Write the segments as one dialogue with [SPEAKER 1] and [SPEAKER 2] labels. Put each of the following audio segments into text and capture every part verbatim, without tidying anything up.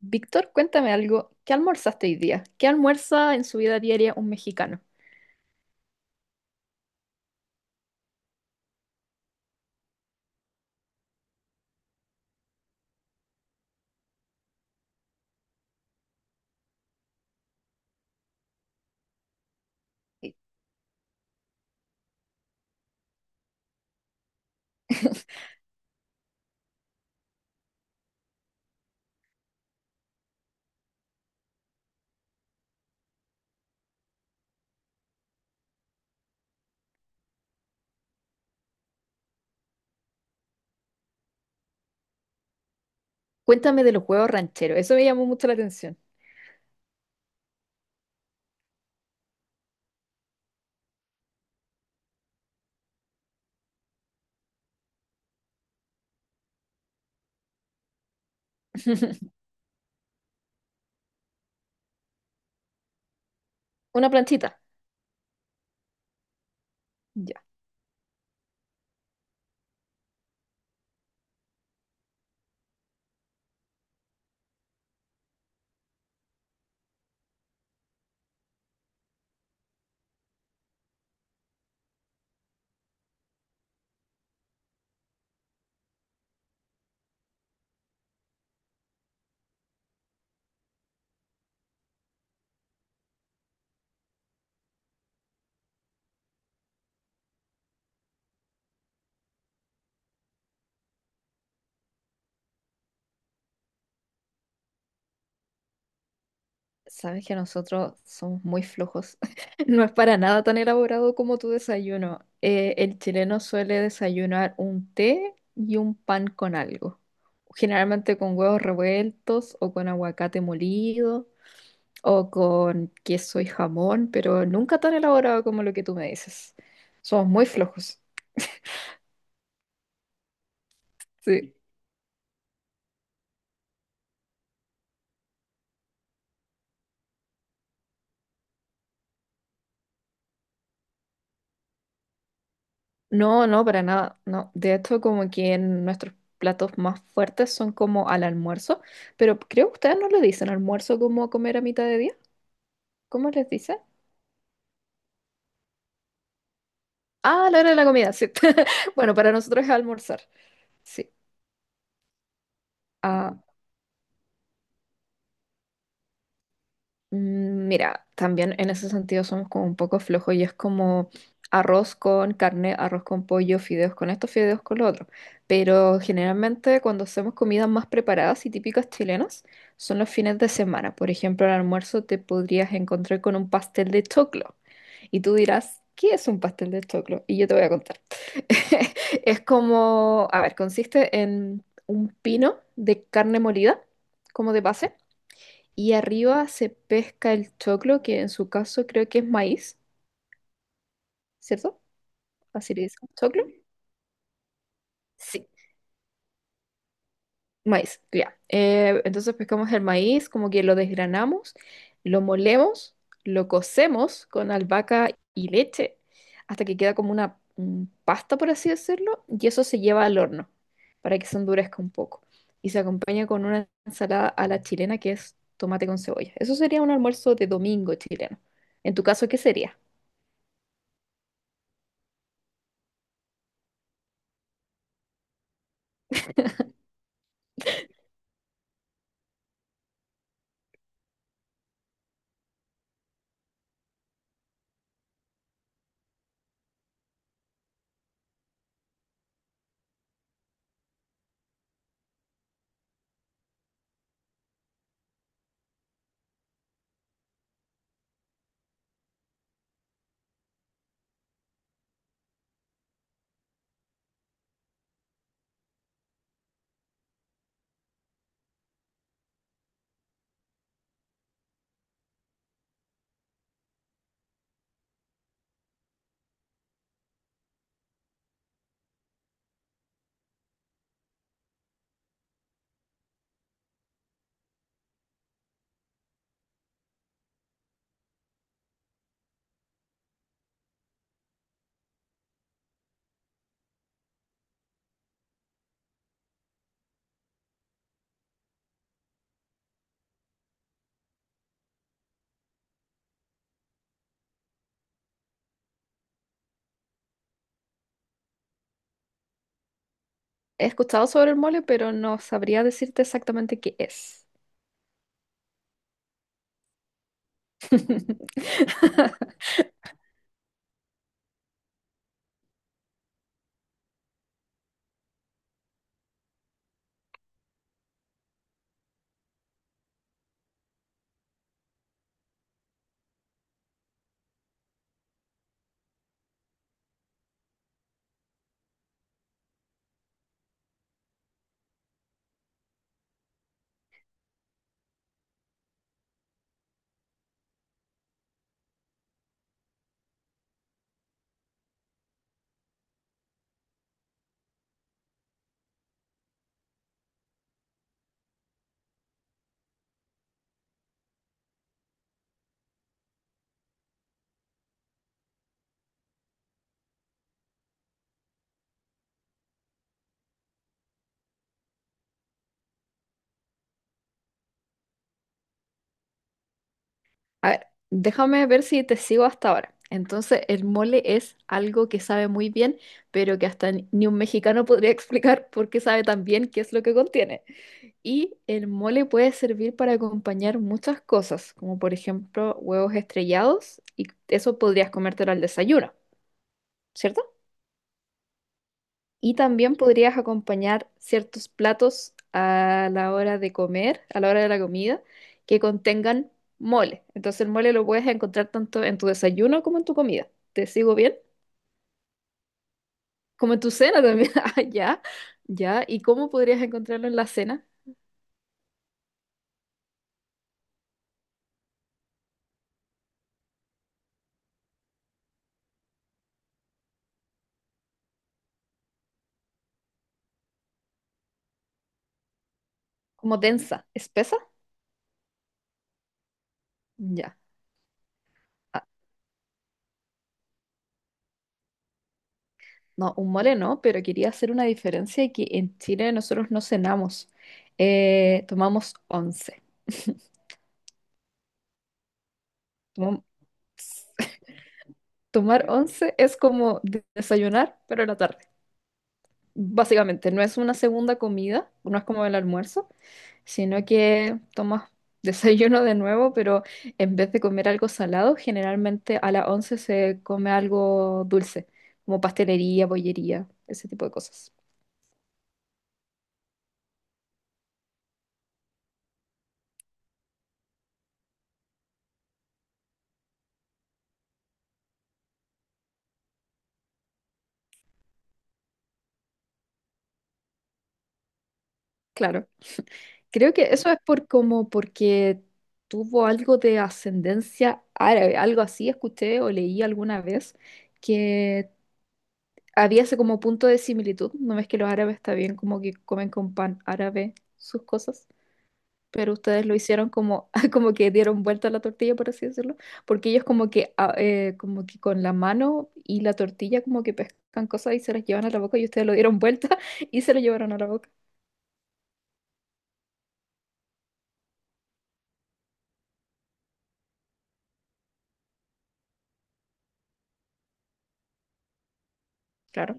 [SPEAKER 1] Víctor, cuéntame algo. ¿Qué almorzaste hoy día? ¿Qué almuerza en su vida diaria un mexicano? Eh, Cuéntame de los huevos rancheros. Eso me llamó mucho la atención. Una planchita. Ya. Sabes que nosotros somos muy flojos. No es para nada tan elaborado como tu desayuno. Eh, el chileno suele desayunar un té y un pan con algo. Generalmente con huevos revueltos o con aguacate molido, o con queso y jamón, pero nunca tan elaborado como lo que tú me dices. Somos muy flojos. Sí. No, no, para nada. No. De hecho, como que en nuestros platos más fuertes son como al almuerzo, pero creo que ustedes no le dicen almuerzo como comer a mitad de día. ¿Cómo les dicen? Ah, a la hora de la comida, sí. Bueno, para nosotros es almorzar. Sí. Ah, mm, mira, también en ese sentido somos como un poco flojos y es como arroz con carne, arroz con pollo, fideos con esto, fideos con lo otro. Pero generalmente cuando hacemos comidas más preparadas y típicas chilenas son los fines de semana. Por ejemplo, al almuerzo te podrías encontrar con un pastel de choclo y tú dirás, ¿qué es un pastel de choclo? Y yo te voy a contar. Es como, a ver, consiste en un pino de carne molida como de base y arriba se pesca el choclo, que en su caso creo que es maíz, ¿cierto? Así le dicen, ¿choclo? Sí, maíz, ya. Eh, entonces pescamos el maíz, como que lo desgranamos, lo molemos, lo cocemos con albahaca y leche hasta que queda como una mm, pasta, por así decirlo, y eso se lleva al horno para que se endurezca un poco. Y se acompaña con una ensalada a la chilena que es tomate con cebolla. Eso sería un almuerzo de domingo chileno. En tu caso, ¿qué sería? He escuchado sobre el mole, pero no sabría decirte exactamente qué es. A ver, déjame ver si te sigo hasta ahora. Entonces, el mole es algo que sabe muy bien, pero que hasta ni ni un mexicano podría explicar por qué sabe tan bien qué es lo que contiene. Y el mole puede servir para acompañar muchas cosas, como por ejemplo huevos estrellados, y eso podrías comértelo al desayuno, ¿cierto? Y también podrías acompañar ciertos platos a la hora de comer, a la hora de la comida, que contengan mole. Entonces el mole lo puedes encontrar tanto en tu desayuno como en tu comida. ¿Te sigo bien? Como en tu cena también. Ah, ya, ya. ¿Y cómo podrías encontrarlo en la cena? Como densa, espesa. Ya. Ah, no, un mole no, pero quería hacer una diferencia y que en Chile nosotros no cenamos. Eh, tomamos once. Tomamos. Tomar once es como de- desayunar, pero en la tarde. Básicamente, no es una segunda comida, no es como el almuerzo, sino que tomas desayuno de nuevo, pero en vez de comer algo salado, generalmente a las once se come algo dulce, como pastelería, bollería, ese tipo de cosas. Claro. Creo que eso es por como porque tuvo algo de ascendencia árabe, algo así escuché o leí alguna vez que había ese como punto de similitud. No ves que los árabes está bien como que comen con pan árabe sus cosas, pero ustedes lo hicieron como, como que dieron vuelta a la tortilla, por así decirlo, porque ellos como que, ah, eh, como que con la mano y la tortilla como que pescan cosas y se las llevan a la boca y ustedes lo dieron vuelta y se lo llevaron a la boca. Claro,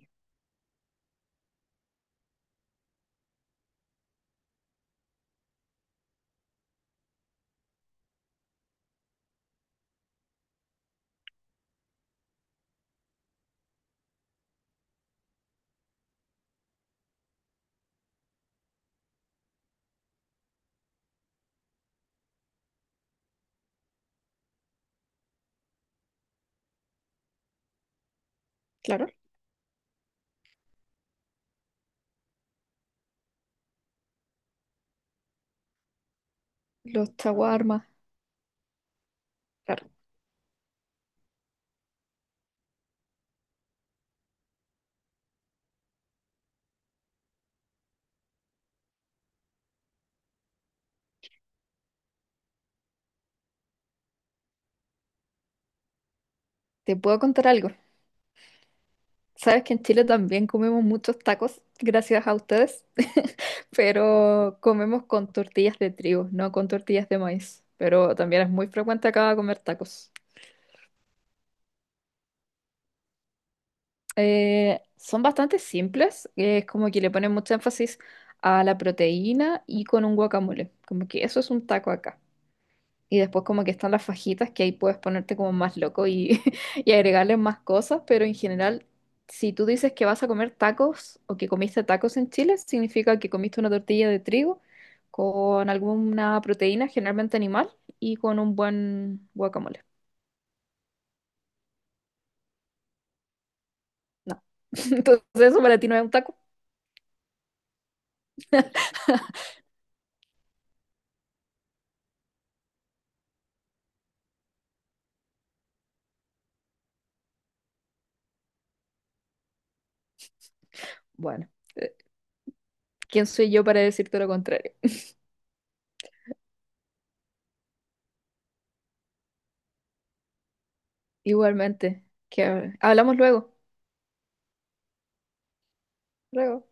[SPEAKER 1] claro. Los chaguarmas. Claro. ¿Te puedo contar algo? Sabes que en Chile también comemos muchos tacos, gracias a ustedes, pero comemos con tortillas de trigo, no con tortillas de maíz. Pero también es muy frecuente acá comer tacos. Eh, son bastante simples, eh, es como que le ponen mucho énfasis a la proteína y con un guacamole. Como que eso es un taco acá. Y después como que están las fajitas que ahí puedes ponerte como más loco y, y agregarle más cosas, pero en general, si tú dices que vas a comer tacos o que comiste tacos en Chile, significa que comiste una tortilla de trigo con alguna proteína, generalmente animal, y con un buen guacamole. No. Entonces eso para ti no es un taco. Bueno, eh, ¿quién soy yo para decirte lo contrario? Igualmente, que hablamos luego. Luego.